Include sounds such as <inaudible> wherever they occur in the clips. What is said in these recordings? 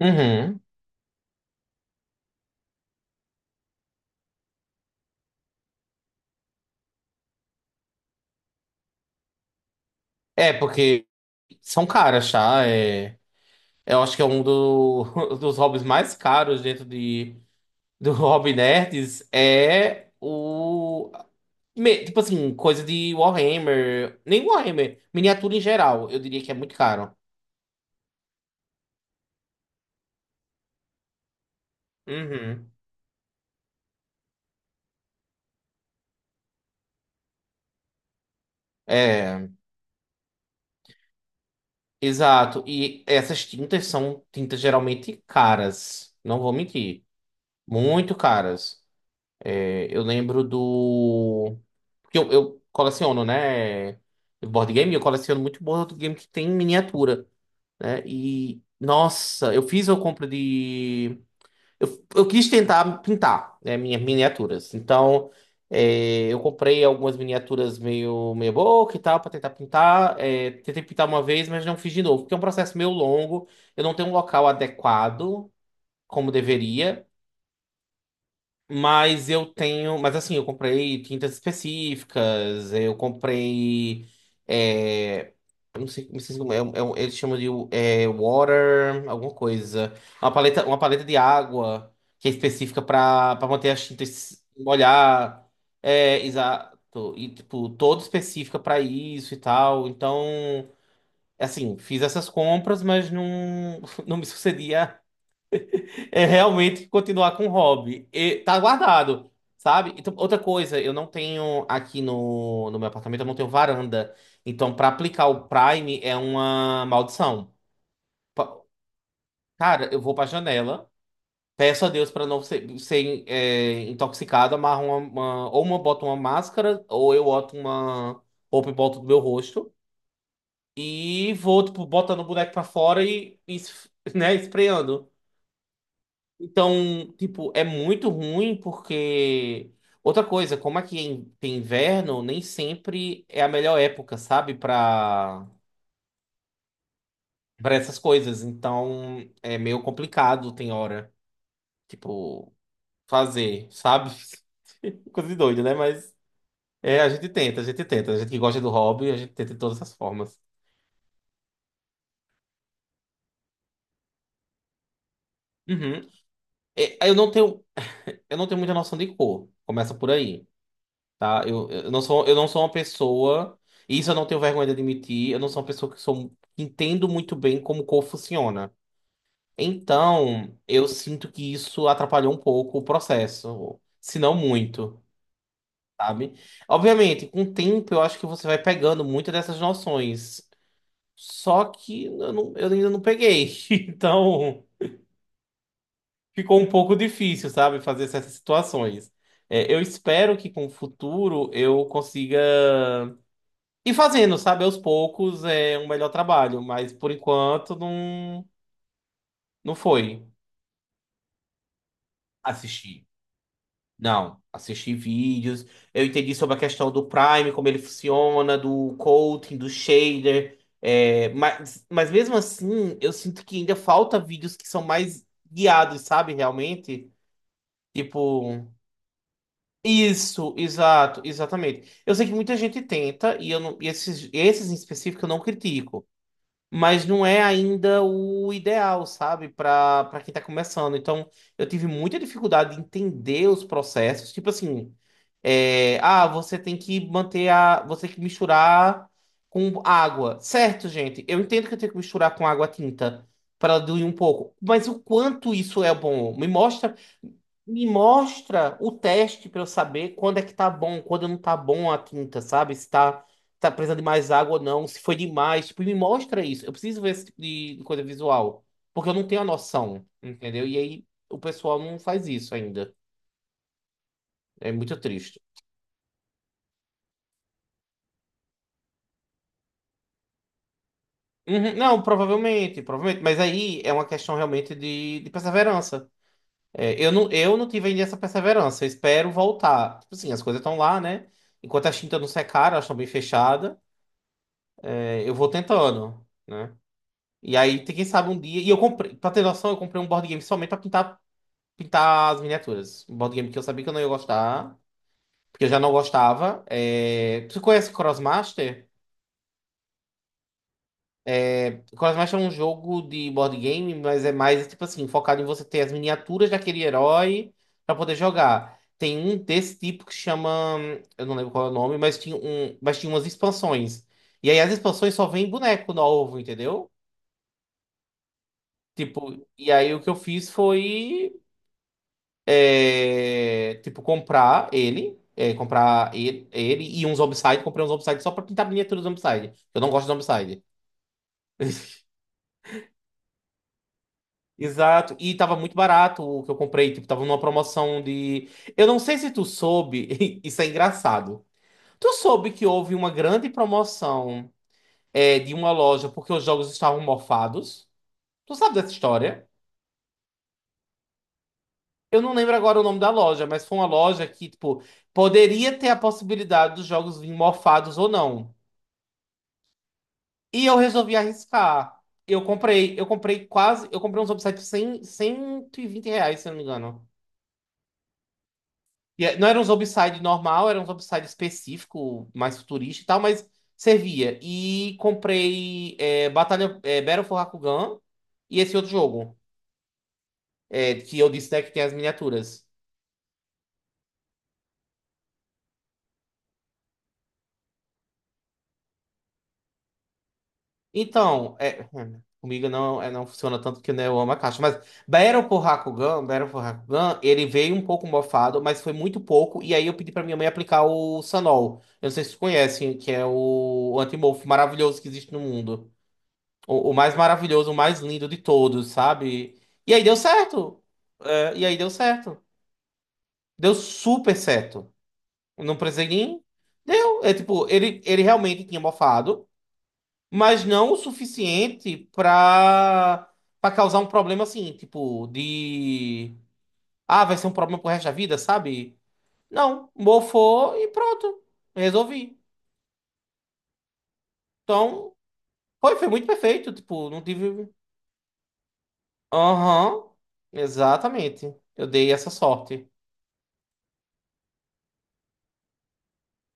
Uhum. É, porque são caras, tá? É, eu acho que é <laughs> dos hobbies mais caros dentro do <laughs> Hobby Nerds. É o. Tipo assim, coisa de Warhammer. Nem Warhammer, miniatura em geral. Eu diria que é muito caro. Uhum. É, exato. E essas tintas são tintas geralmente caras. Não vou mentir. Muito caras. É, eu lembro do. Porque eu coleciono, né? Board game, eu coleciono muito board game que tem miniatura, né? E, nossa, eu fiz uma compra de. Eu quis tentar pintar, né, minhas miniaturas. Então, eu comprei algumas miniaturas meio meia boca e tal, para tentar pintar. É, tentei pintar uma vez, mas não fiz de novo, porque é um processo meio longo. Eu não tenho um local adequado, como deveria. Mas eu tenho. Mas assim, eu comprei tintas específicas, eu comprei. É, eu não sei, não sei como é, eles chamam de water, alguma coisa. Uma paleta de água que é específica para manter as tintas molhar. É, exato. E, tipo, toda específica para isso e tal. Então, assim, fiz essas compras, mas não, <laughs> não me sucedia realmente continuar com o hobby. E tá guardado, sabe? Então, outra coisa, eu não tenho aqui no meu apartamento, eu não tenho varanda. Então, pra aplicar o Prime é uma maldição. Pa- Cara, eu vou pra janela, peço a Deus pra não ser intoxicado, amarro ou uma boto uma máscara, ou eu boto uma roupa e boto do meu rosto. E vou, tipo, botando o boneco pra fora e <laughs> né, esfreando. Então, tipo, é muito ruim porque. Outra coisa, como aqui é tem inverno, nem sempre é a melhor época, sabe? Pra essas coisas. Então, é meio complicado, tem hora, tipo, fazer, sabe? <laughs> Coisa de doido, né? Mas a gente tenta, a gente tenta. A gente que gosta do hobby, a gente tenta de todas as formas. Uhum. É, eu não tenho muita noção de cor. Começa por aí. Tá? Eu não sou uma pessoa, e isso eu não tenho vergonha de admitir, eu não sou uma pessoa que entendo muito bem como o corpo funciona. Então, eu sinto que isso atrapalhou um pouco o processo, se não muito, sabe? Obviamente, com o tempo eu acho que você vai pegando muitas dessas noções. Só que eu ainda não peguei. <laughs> Então, ficou um pouco difícil, sabe, fazer essas situações. É, eu espero que com o futuro eu consiga. E fazendo, sabe, aos poucos é um melhor trabalho, mas por enquanto não, não foi assistir. Não, assisti vídeos, eu entendi sobre a questão do Prime, como ele funciona, do coating, do shader, mas mesmo assim eu sinto que ainda falta vídeos que são mais guiados, sabe, realmente? Tipo, isso, exato, exatamente. Eu sei que muita gente tenta, e, eu não, e esses em específico eu não critico. Mas não é ainda o ideal, sabe, para quem tá começando. Então, eu tive muita dificuldade de entender os processos, tipo assim, você tem que você tem que misturar com água. Certo, gente, eu entendo que eu tenho que misturar com água tinta para ela diluir um pouco, mas o quanto isso é bom? Me mostra o teste para eu saber quando é que tá bom, quando não tá bom a tinta, sabe? Se tá tá precisando de mais água ou não, se foi demais. Tipo, me mostra isso. Eu preciso ver esse tipo de coisa visual. Porque eu não tenho a noção, entendeu? E aí o pessoal não faz isso ainda. É muito triste. Uhum, não, provavelmente, provavelmente. Mas aí é uma questão realmente de perseverança. É, eu não tive ainda essa perseverança. Eu espero voltar. Tipo assim, as coisas estão lá, né? Enquanto as tintas não secaram, elas estão bem fechadas. Eu vou tentando, né? E aí, quem sabe um dia. E eu comprei, pra ter noção, eu comprei um board game somente pra pintar as miniaturas. Um board game que eu sabia que eu não ia gostar, porque eu já não gostava. Tu conhece Crossmaster? Crossmaster é um jogo de board game, mas é mais tipo assim, focado em você ter as miniaturas daquele herói pra poder jogar. Tem um desse tipo que chama, eu não lembro qual é o nome, mas tinha um, mas tinha umas expansões. E aí as expansões só vêm boneco novo, entendeu? Tipo, e aí o que eu fiz foi tipo, comprar ele e uns Zombicide. Comprei uns Zombicide só pra pintar a miniatura do Zombicide. Eu não gosto de Zombicide. Exato, e tava muito barato o que eu comprei, tipo, tava numa promoção de... Eu não sei se tu soube, <laughs> isso é engraçado. Tu soube que houve uma grande promoção de uma loja porque os jogos estavam mofados? Tu sabe dessa história? Eu não lembro agora o nome da loja, mas foi uma loja que, tipo, poderia ter a possibilidade dos jogos virem mofados ou não. E eu resolvi arriscar. Eu comprei um Zombicide R$ 120, se eu não me engano. E não era um Zombicide normal, era um Zombicide específico, mais futurista e tal, mas servia. E comprei Battle for Rakugan e esse outro jogo, que eu disse, né, que tem as miniaturas. Então, comigo não, não funciona tanto que né, eu amo a caixa. Mas Battle for Hakugan, ele veio um pouco mofado, mas foi muito pouco. E aí eu pedi pra minha mãe aplicar o Sanol. Eu não sei se vocês conhecem, que é o antimorfo maravilhoso que existe no mundo. O mais maravilhoso, o mais lindo de todos, sabe? E aí deu certo. É, e aí deu certo. Deu super certo. Eu não precisei nem. Deu. É tipo, ele realmente tinha mofado mas não o suficiente pra, causar um problema assim, tipo, de. Ah, vai ser um problema pro resto da vida, sabe? Não, mofou e pronto. Resolvi. Então, foi muito perfeito. Tipo, não tive. Aham, exatamente. Eu dei essa sorte.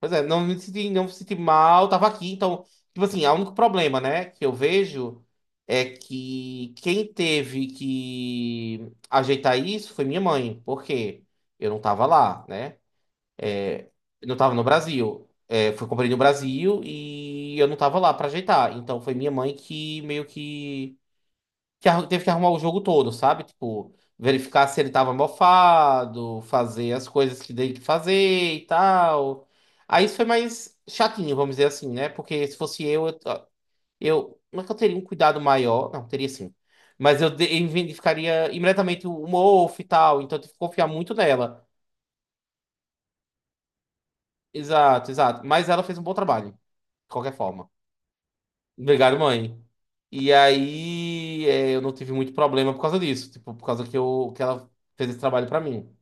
Pois é, não me senti mal, tava aqui, então, tipo assim, o único problema, né, que eu vejo é que quem teve que ajeitar isso foi minha mãe, porque eu não tava lá, né? Eu não tava no Brasil. É, fui comprei no Brasil e eu não tava lá pra ajeitar. Então foi minha mãe que meio teve que arrumar o jogo todo, sabe? Tipo, verificar se ele tava mofado, fazer as coisas que tem que fazer e tal. Aí isso foi mais chatinho, vamos dizer assim, né? Porque se fosse eu, não é que eu teria um cuidado maior, não, teria sim. Mas eu identificaria imediatamente o mofo e tal, então eu tive que confiar muito nela. Exato, exato. Mas ela fez um bom trabalho, de qualquer forma. Obrigado, mãe. E aí, eu não tive muito problema por causa disso, tipo, por causa que, que ela fez esse trabalho pra mim.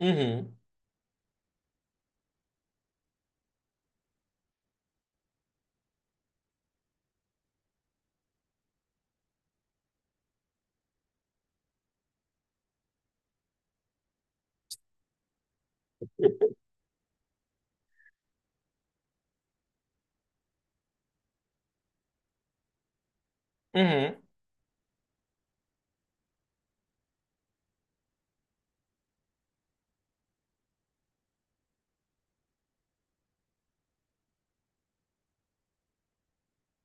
Uhum, uhum.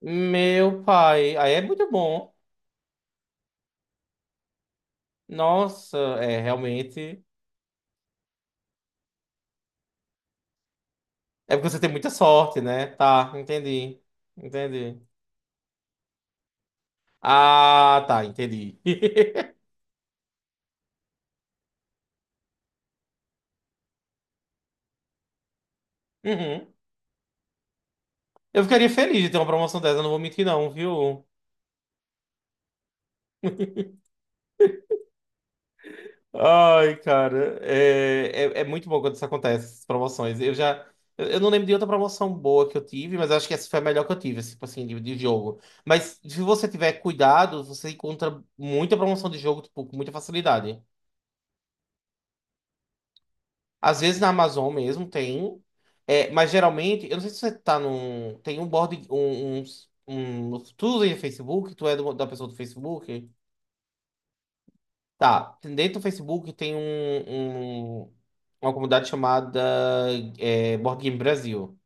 Meu pai, aí é muito bom. Nossa, é realmente. É porque você tem muita sorte, né? Tá, entendi. Entendi. Ah, tá, entendi. <laughs> Uhum. Eu ficaria feliz de ter uma promoção dessa, não vou mentir, não, viu? Ai, cara, é muito bom quando isso acontece, essas promoções. Eu já. Eu não lembro de outra promoção boa que eu tive, mas acho que essa foi a melhor que eu tive, assim, tipo assim, de jogo. Mas se você tiver cuidado, você encontra muita promoção de jogo, tipo, com muita facilidade. Às vezes na Amazon mesmo tem, mas geralmente, eu não sei se você tá num. Tem um board. Tu usa Facebook, tu é da pessoa do Facebook. Tá, dentro do Facebook tem um, uma comunidade chamada Board Game Brasil.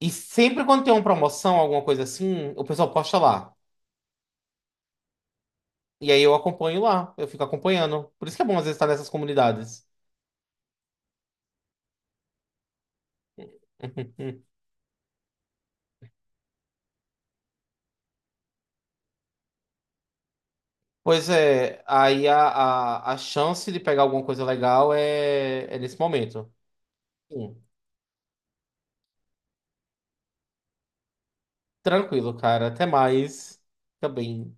E sempre quando tem uma promoção, alguma coisa assim, o pessoal posta lá. E aí eu acompanho lá, eu fico acompanhando. Por isso que é bom às vezes estar nessas comunidades. <laughs> Pois é, aí a chance de pegar alguma coisa legal é nesse momento. Sim, tranquilo, cara. Até mais. Também.